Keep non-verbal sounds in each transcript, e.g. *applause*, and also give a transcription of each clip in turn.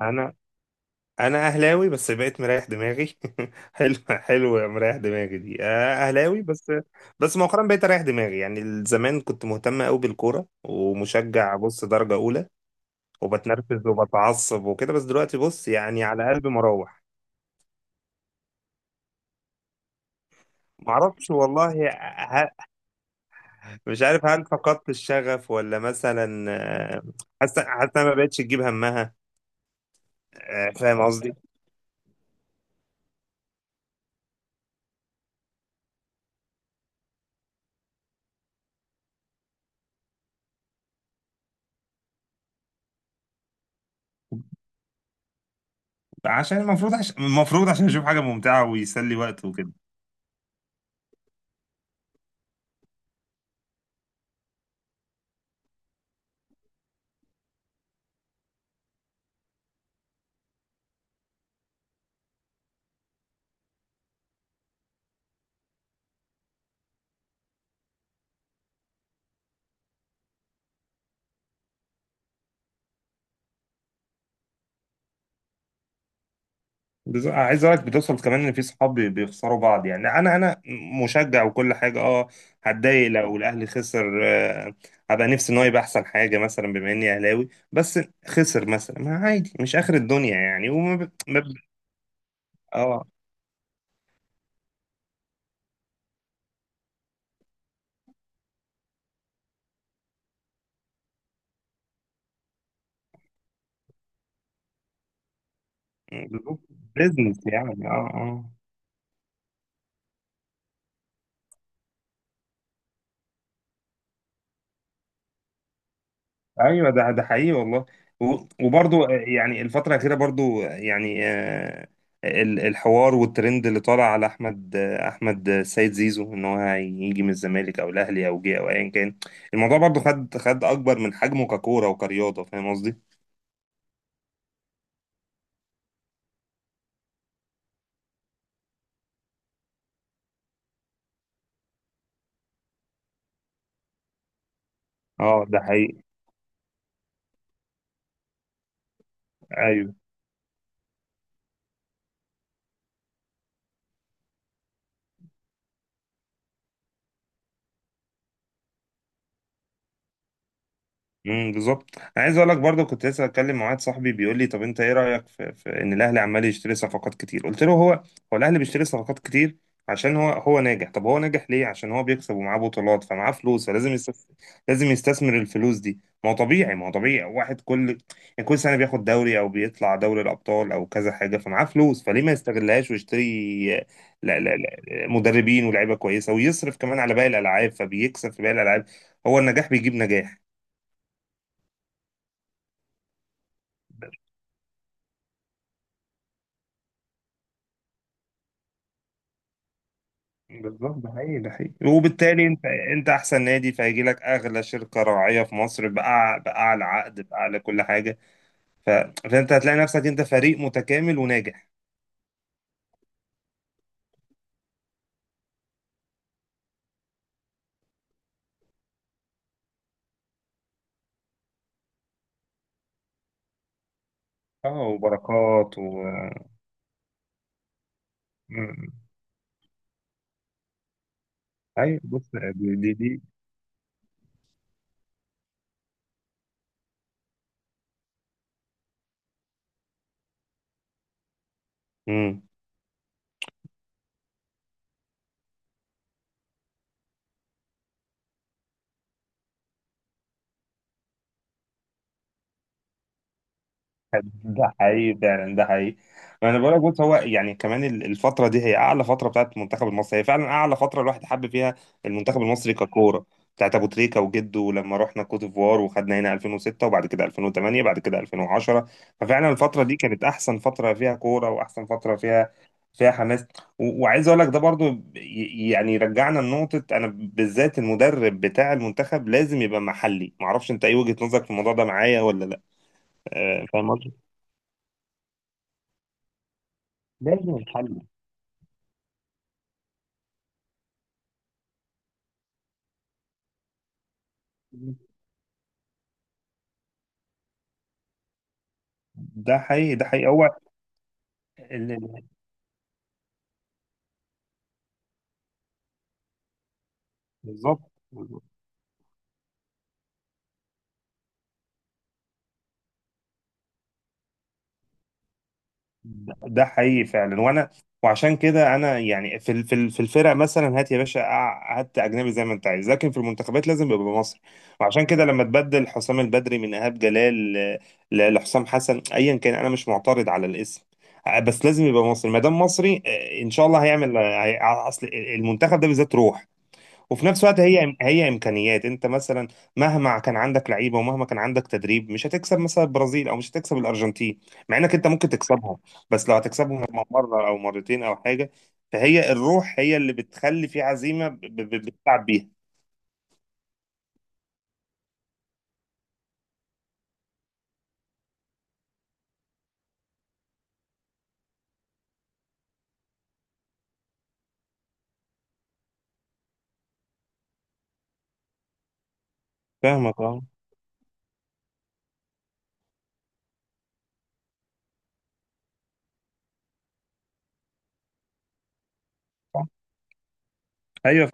انا انا اهلاوي، بس بقيت مريح دماغي. *laughs* حلو حلو، مريح دماغي دي، اهلاوي بس. بس مؤخرا بقيت اريح دماغي. يعني زمان كنت مهتم قوي بالكوره ومشجع، بص، درجه اولى، وبتنرفز وبتعصب وكده. بس دلوقتي بص، يعني على قلبي مروح. معرفش والله. ه- مش عارف، هل فقدت الشغف ولا مثلا؟ آه. حاسه أنا ما بقتش تجيب همها. آه، فاهم قصدي. عشان المفروض عشان اشوف حاجه ممتعه ويسلي وقته وكده. عايز اقولك بتوصل كمان ان في صحاب بيخسروا بعض. يعني انا مشجع وكل حاجه. اه، هتضايق لو الاهلي خسر، آه. هبقى نفسي ان هو يبقى احسن حاجه، مثلا بما اني اهلاوي. بس خسر مثلا، ما عادي، مش اخر الدنيا يعني. وما ب... ما ب... اه. بزنس يعني، اه، آه. ايوه، ده حقيقي والله. وبرضو، يعني الفتره الاخيره برضو، الحوار والترند اللي طالع على احمد، احمد، سيد زيزو، ان هو هيجي من الزمالك او الاهلي او جه او ايا كان. الموضوع برضو خد اكبر من حجمه ككوره وكرياضه. فاهم قصدي؟ اه، ده حقيقي. ايوه. بالظبط، انا عايز اقول لك برضه كنت لسه اتكلم مع واحد صاحبي بيقول لي طب انت ايه رايك في ان الاهلي عمال يشتري صفقات كتير. قلت له هو الاهلي بيشتري صفقات كتير عشان هو ناجح. طب هو ناجح ليه؟ عشان هو بيكسب ومعاه بطولات، فمعاه فلوس، فلازم يستثمر. لازم يستثمر الفلوس دي. ما هو طبيعي، ما هو طبيعي واحد، كل يعني كل سنه بياخد دوري او بيطلع دوري الابطال او كذا حاجه، فمعاه فلوس، فليه ما يستغلهاش ويشتري؟ لا، لا، لا. مدربين ولاعيبه كويسه، ويصرف كمان على باقي الالعاب، فبيكسب في باقي الالعاب. هو النجاح بيجيب نجاح. بالظبط، ده حقيقي، ده حقيقي. وبالتالي انت احسن نادي، فهيجي لك اغلى شركه راعيه في مصر، باعلى عقد، باعلى كل حاجه. فانت هتلاقي نفسك انت فريق متكامل وناجح. اه، وبركات و. مم. ايوه، بص، دي. مم. ده حقيقي فعلا، ده حقيقي. ما انا بقول لك، بص، هو يعني كمان الفتره دي هي اعلى فتره بتاعت المنتخب المصري. هي فعلا اعلى فتره الواحد حب فيها المنتخب المصري ككوره، بتاعت ابو تريكه وجده، ولما رحنا كوت ديفوار وخدنا هنا 2006، وبعد كده 2008، بعد كده 2010. ففعلا الفتره دي كانت احسن فتره فيها كوره، واحسن فتره فيها حماس. وعايز اقول لك ده برضو، يعني رجعنا لنقطه: انا بالذات المدرب بتاع المنتخب لازم يبقى محلي. معرفش انت ايه وجهه نظرك في الموضوع ده، معايا ولا لا؟ آه، فاهم. لازم الحل. ده حقيقي، ده حقيقي. هو ال- ال- بالظبط. ده حقيقي فعلا. وانا، وعشان كده انا يعني في الفرق مثلا هات يا باشا، هات اجنبي زي ما انت عايز، لكن في المنتخبات لازم يبقى مصري. وعشان كده لما تبدل حسام البدري من ايهاب جلال لحسام حسن، ايا كان، انا مش معترض على الاسم. آه، بس لازم يبقى مصري، ما دام مصري ان شاء الله هيعمل، اصل المنتخب ده بالذات روح. وفي نفس الوقت هي امكانيات. انت مثلا مهما كان عندك لعيبه ومهما كان عندك تدريب، مش هتكسب مثلا البرازيل، او مش هتكسب الارجنتين، مع انك انت ممكن تكسبهم. بس لو هتكسبهم مره او مرتين او حاجه، فهي الروح هي اللي بتخلي في عزيمه بتلعب بيها. فاهمك، اه. ايوه،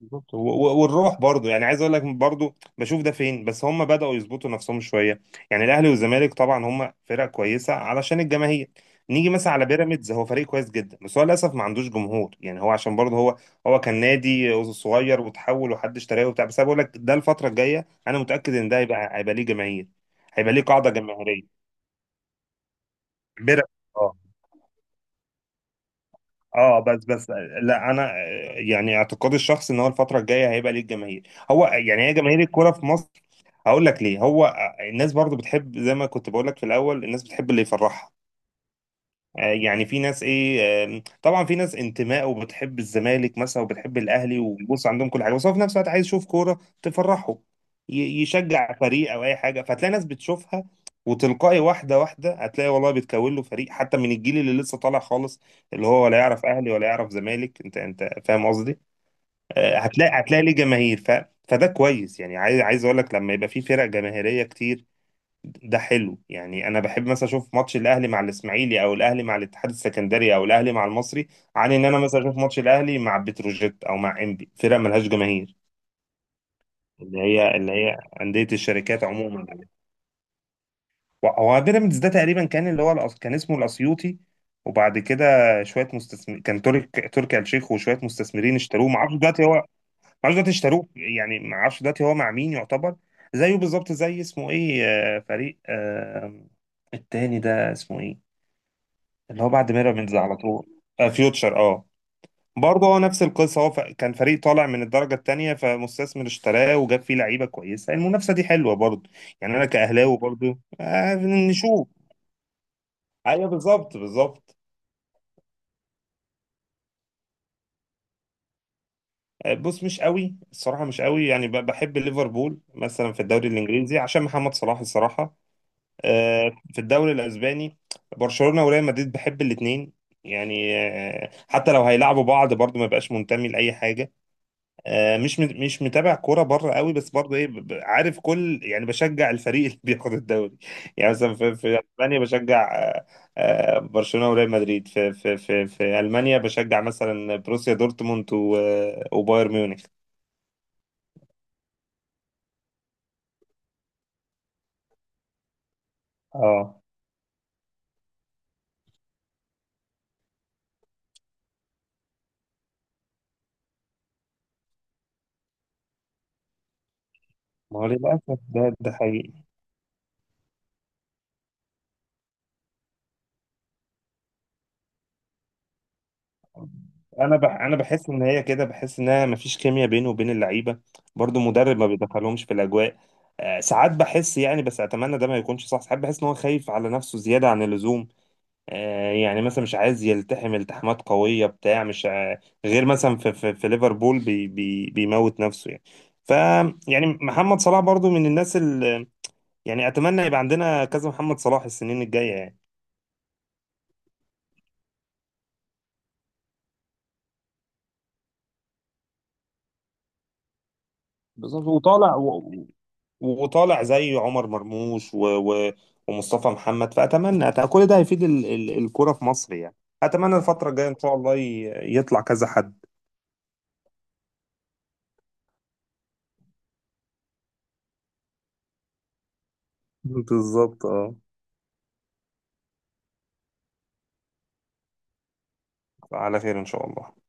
بالظبط. والروح برضو يعني، عايز اقول لك برضو بشوف ده فين، بس هم بدأوا يظبطوا نفسهم شويه. يعني الاهلي والزمالك طبعا هم فرق كويسه علشان الجماهير. نيجي مثلا على بيراميدز، هو فريق كويس جدا، بس هو للاسف ما عندوش جمهور. يعني هو عشان برضه هو كان نادي صغير وتحول وحد اشتراه وبتاع. بس انا بقول لك ده، الفتره الجايه انا متاكد ان ده هيبقى ليه جماهير. هيبقى ليه قاعده جماهيريه بيراميدز. اه، اه، بس، بس. لا، انا، يعني اعتقادي الشخصي ان هو الفتره الجايه هيبقى ليه جماهير. هو يعني هي جماهير الكوره في مصر. هقول لك ليه. هو الناس برضو بتحب، زي ما كنت بقول لك في الاول، الناس بتحب اللي يفرحها. يعني في ناس ايه، طبعا في ناس انتماء وبتحب الزمالك مثلا وبتحب الاهلي وبص عندهم كل حاجه. بس هو في نفس الوقت عايز يشوف كوره تفرحه، يشجع فريق او اي حاجه. فتلاقي ناس بتشوفها، وتلقائي واحده واحده هتلاقي والله بيتكون له فريق، حتى من الجيل اللي لسه طالع خالص، اللي هو ولا يعرف اهلي ولا يعرف زمالك. انت فاهم قصدي؟ هتلاقي ليه جماهير. فده كويس يعني. عايز اقول لك، لما يبقى في فرق جماهيريه كتير، ده حلو يعني. انا بحب مثلا اشوف ماتش الاهلي مع الاسماعيلي، او الاهلي مع الاتحاد السكندري، او الاهلي مع المصري، عن ان انا مثلا اشوف ماتش الاهلي مع بتروجيت او مع انبي، فرق ملهاش جماهير، اللي هي انديه الشركات عموما. هو بيراميدز ده تقريبا كان، اللي هو كان اسمه الاسيوطي. وبعد كده شويه مستثمر كان، تركي آل الشيخ وشويه مستثمرين اشتروه. ما اعرفش دلوقتي هو، ما اعرفش دلوقتي اشتروه يعني. ما اعرفش دلوقتي هو مع مين يعتبر. زيه بالظبط زي اسمه ايه، فريق التاني ده اسمه ايه، اللي هو بعد بيراميدز على طول. آه، فيوتشر، اه. برضه هو نفس القصه. هو كان فريق طالع من الدرجه الثانيه، فمستثمر اشتراه وجاب فيه لعيبه كويسه. المنافسه دي حلوه برضه. يعني انا كاهلاوي برضه، آه، نشوف. ايوه، بالظبط بالظبط. بص، مش قوي الصراحه. مش قوي يعني، بحب ليفربول مثلا في الدوري الانجليزي عشان محمد صلاح، الصراحه. آه، في الدوري الاسباني برشلونه وريال مدريد، بحب الاثنين يعني. حتى لو هيلعبوا بعض برضه ما بقاش منتمي لاي حاجه. مش متابع كوره بره قوي. بس برضه ايه، عارف كل، يعني بشجع الفريق اللي *laughs* بياخد الدوري. يعني مثلا في اسبانيا بشجع، برشلونه وريال مدريد. في المانيا بشجع مثلا بروسيا دورتموند وبايرن ميونخ. اه، ما هو للاسف، ده حقيقي. انا بحس ان هي كده، بحس انها مفيش كيمياء بينه وبين اللعيبه. برضو مدرب ما بيدخلهمش في الاجواء. ساعات بحس يعني، بس اتمنى ده ما يكونش صح. ساعات بحس ان هو خايف على نفسه زياده عن اللزوم. يعني مثلا مش عايز يلتحم التحامات قوية بتاع، مش غير مثلا في ليفربول بي بي بيموت نفسه يعني. ف يعني محمد صلاح برضو من الناس اللي، يعني اتمنى يبقى عندنا كذا محمد صلاح السنين الجاية يعني. بالظبط. وطالع وطالع زي عمر مرموش و ومصطفى محمد. فاتمنى، كل ده هيفيد الكرة في مصر يعني. اتمنى الفترة الجاية ان شاء الله يطلع كذا حد. بالظبط، اه. على خير ان شاء الله.